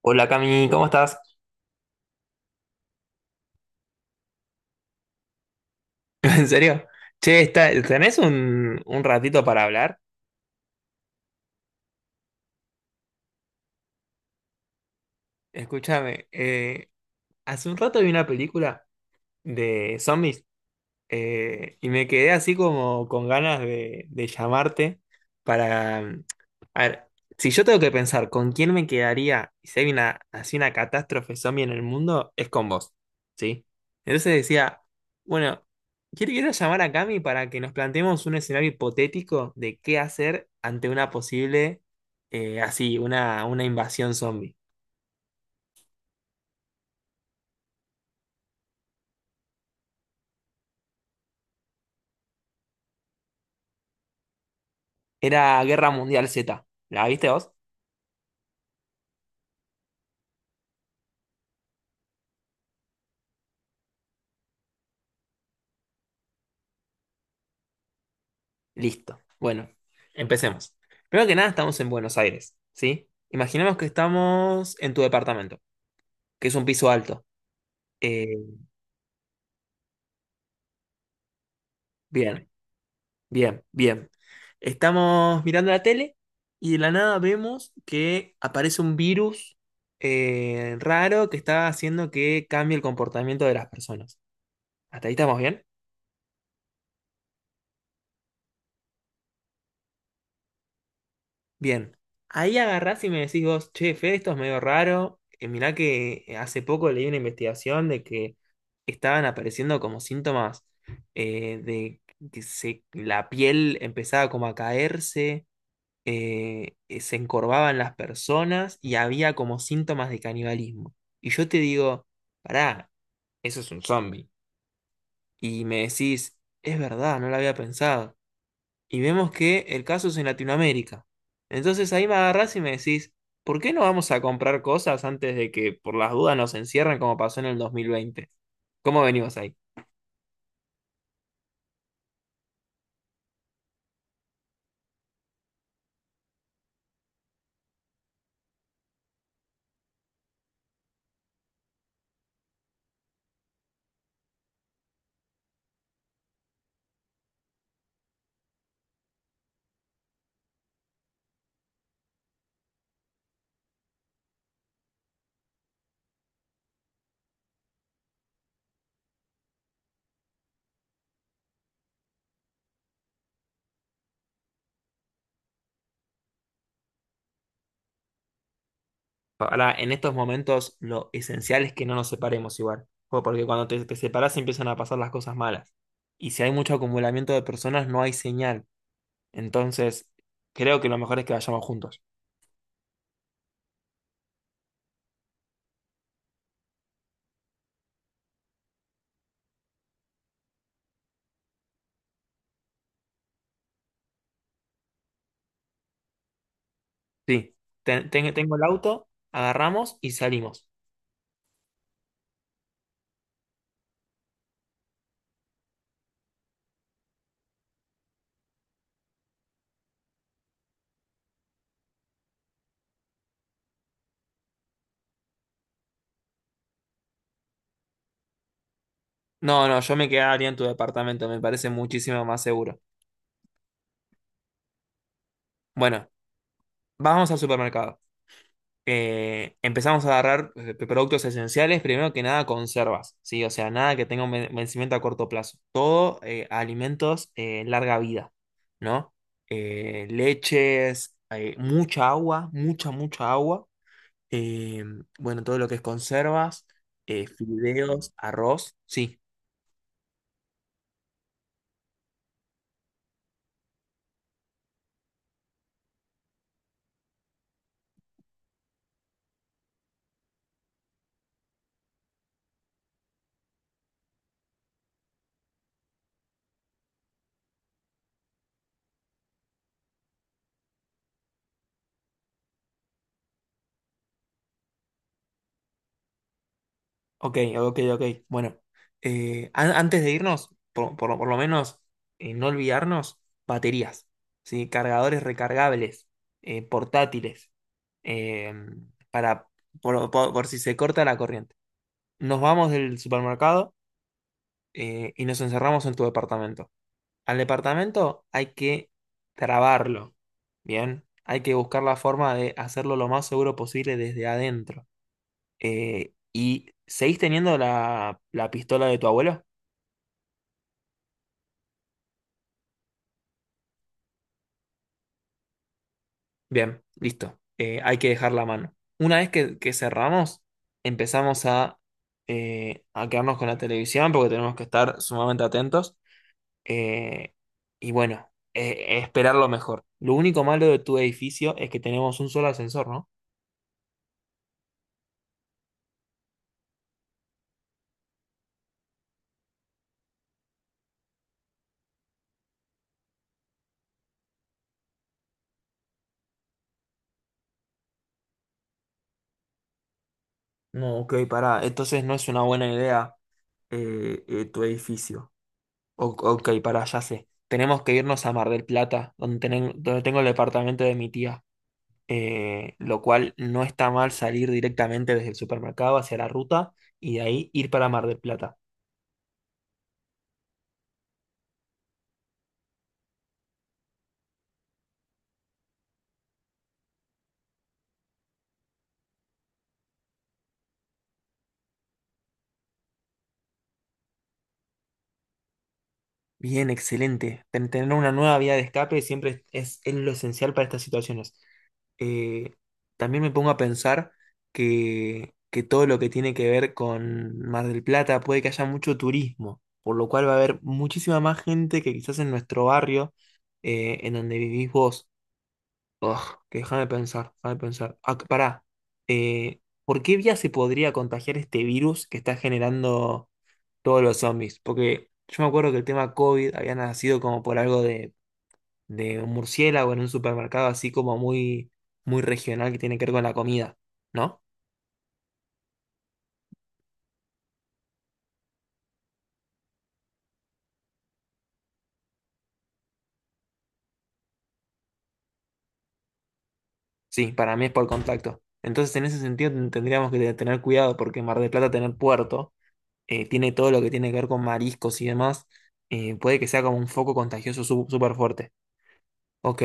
Hola Cami, ¿cómo estás? ¿En serio? Che, está, ¿tenés un ratito para hablar? Escúchame, hace un rato vi una película de zombies. Y me quedé así como con ganas de llamarte para. A ver, si yo tengo que pensar con quién me quedaría y si hay una, así una catástrofe zombie en el mundo, es con vos, ¿sí? Entonces decía, bueno, quiero llamar a Cami para que nos planteemos un escenario hipotético de qué hacer ante una posible, así, una invasión zombie. Era Guerra Mundial Z, ¿la viste vos? Listo. Bueno, empecemos. Primero que nada, estamos en Buenos Aires, ¿sí? Imaginemos que estamos en tu departamento, que es un piso alto. Eh, bien, bien. Estamos mirando la tele y de la nada vemos que aparece un virus raro que está haciendo que cambie el comportamiento de las personas. ¿Hasta ahí estamos bien? Bien, ahí agarrás y me decís vos, che, Fede, esto es medio raro. Mirá que hace poco leí una investigación de que estaban apareciendo como síntomas de que se, la piel empezaba como a caerse, se encorvaban las personas y había como síntomas de canibalismo. Y yo te digo, pará, eso es un zombie. Y me decís, es verdad, no lo había pensado, y vemos que el caso es en Latinoamérica. Entonces ahí me agarrás y me decís, ¿por qué no vamos a comprar cosas antes de que por las dudas nos encierren como pasó en el 2020? ¿Cómo venimos ahí? Ahora, en estos momentos lo esencial es que no nos separemos igual, Jo, porque cuando te separás empiezan a pasar las cosas malas. Y si hay mucho acumulamiento de personas, no hay señal. Entonces, creo que lo mejor es que vayamos juntos. Sí, tengo el auto, agarramos y salimos. No, no, yo me quedaría en tu departamento, me parece muchísimo más seguro. Bueno, vamos al supermercado. Empezamos a agarrar productos esenciales, primero que nada conservas, ¿sí? O sea, nada que tenga un vencimiento a corto plazo. Todo alimentos larga vida, ¿no? Leches, mucha agua, mucha, mucha agua. Eh, bueno, todo lo que es conservas, fideos, arroz, sí. Ok, ok, ok. Bueno, antes de irnos, por lo menos no olvidarnos, baterías, ¿sí? Cargadores recargables, portátiles, eh, para, por si se corta la corriente. Nos vamos del supermercado y nos encerramos en tu departamento. Al departamento hay que trabarlo, ¿bien? Hay que buscar la forma de hacerlo lo más seguro posible desde adentro. ¿Y seguís teniendo la pistola de tu abuelo? Bien, listo. Hay que dejar la mano. Una vez que cerramos, empezamos a quedarnos con la televisión porque tenemos que estar sumamente atentos. Eh, y bueno, esperar lo mejor. Lo único malo de tu edificio es que tenemos un solo ascensor, ¿no? No, ok, pará. Entonces no es una buena idea tu edificio. O- ok, para allá sé. Tenemos que irnos a Mar del Plata, donde, donde tengo el departamento de mi tía. Lo cual no está mal salir directamente desde el supermercado hacia la ruta y de ahí ir para Mar del Plata. Bien, excelente. Tener una nueva vía de escape siempre es lo esencial para estas situaciones. eh, También me pongo a pensar que todo lo que tiene que ver con Mar del Plata puede que haya mucho turismo, por lo cual va a haber muchísima más gente que quizás en nuestro barrio, en donde vivís vos. Ugh, que déjame pensar, déjame pensar. Ah, que pará. ¿Por qué vía se podría contagiar este virus que está generando todos los zombies? Porque yo me acuerdo que el tema COVID había nacido como por algo de un murciélago en un supermercado así como muy, muy regional que tiene que ver con la comida, ¿no? Sí, para mí es por contacto. Entonces, en ese sentido, tendríamos que tener cuidado porque Mar del Plata, tener puerto, tiene todo lo que tiene que ver con mariscos y demás, puede que sea como un foco contagioso súper fuerte. Ok,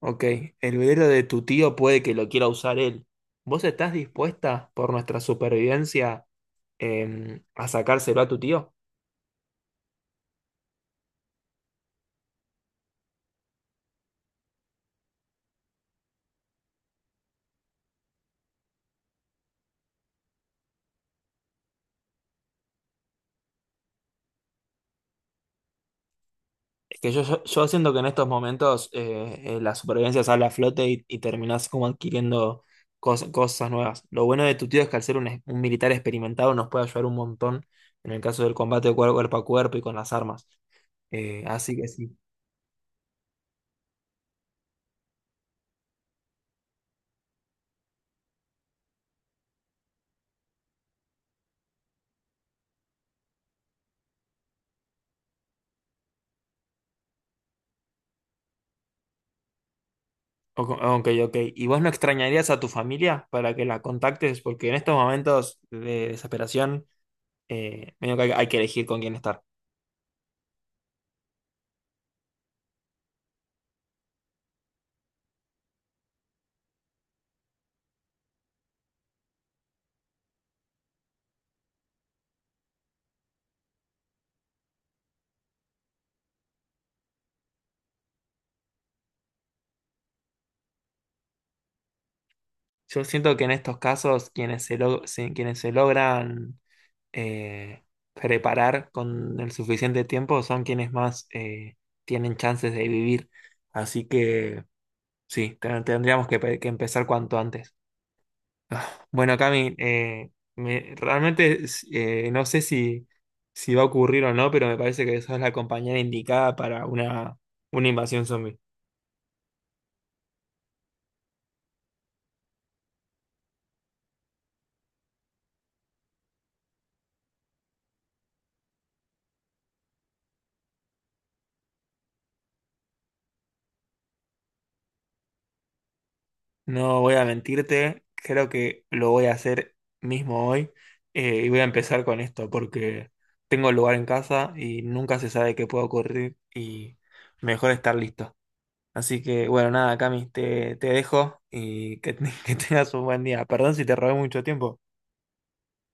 ok. El velero de tu tío puede que lo quiera usar él. ¿Vos estás dispuesta por nuestra supervivencia a sacárselo a tu tío? Es que yo siento que en estos momentos la supervivencia sale a flote y terminás como adquiriendo cosas nuevas. Lo bueno de tu tío es que al ser un, un militar experimentado nos puede ayudar un montón en el caso del combate cuerpo a cuerpo y con las armas. Así que sí. O- Ok, ok. ¿Y vos no extrañarías a tu familia para que la contactes? Porque en estos momentos de desesperación, medio que hay que elegir con quién estar. Yo siento que en estos casos quienes se, quienes se logran eh, preparar con el suficiente tiempo son quienes más tienen chances de vivir. Así que sí, tendríamos que, que empezar cuanto antes. Ah, bueno, Cami, realmente no sé si, si va a ocurrir o no, pero me parece que sos la compañera indicada para una invasión zombie. No voy a mentirte, creo que lo voy a hacer mismo hoy, y voy a empezar con esto porque tengo el lugar en casa y nunca se sabe qué puede ocurrir y mejor estar listo. Así que bueno, nada, Cami, te dejo y que, que tengas un buen día. Perdón si te robé mucho tiempo.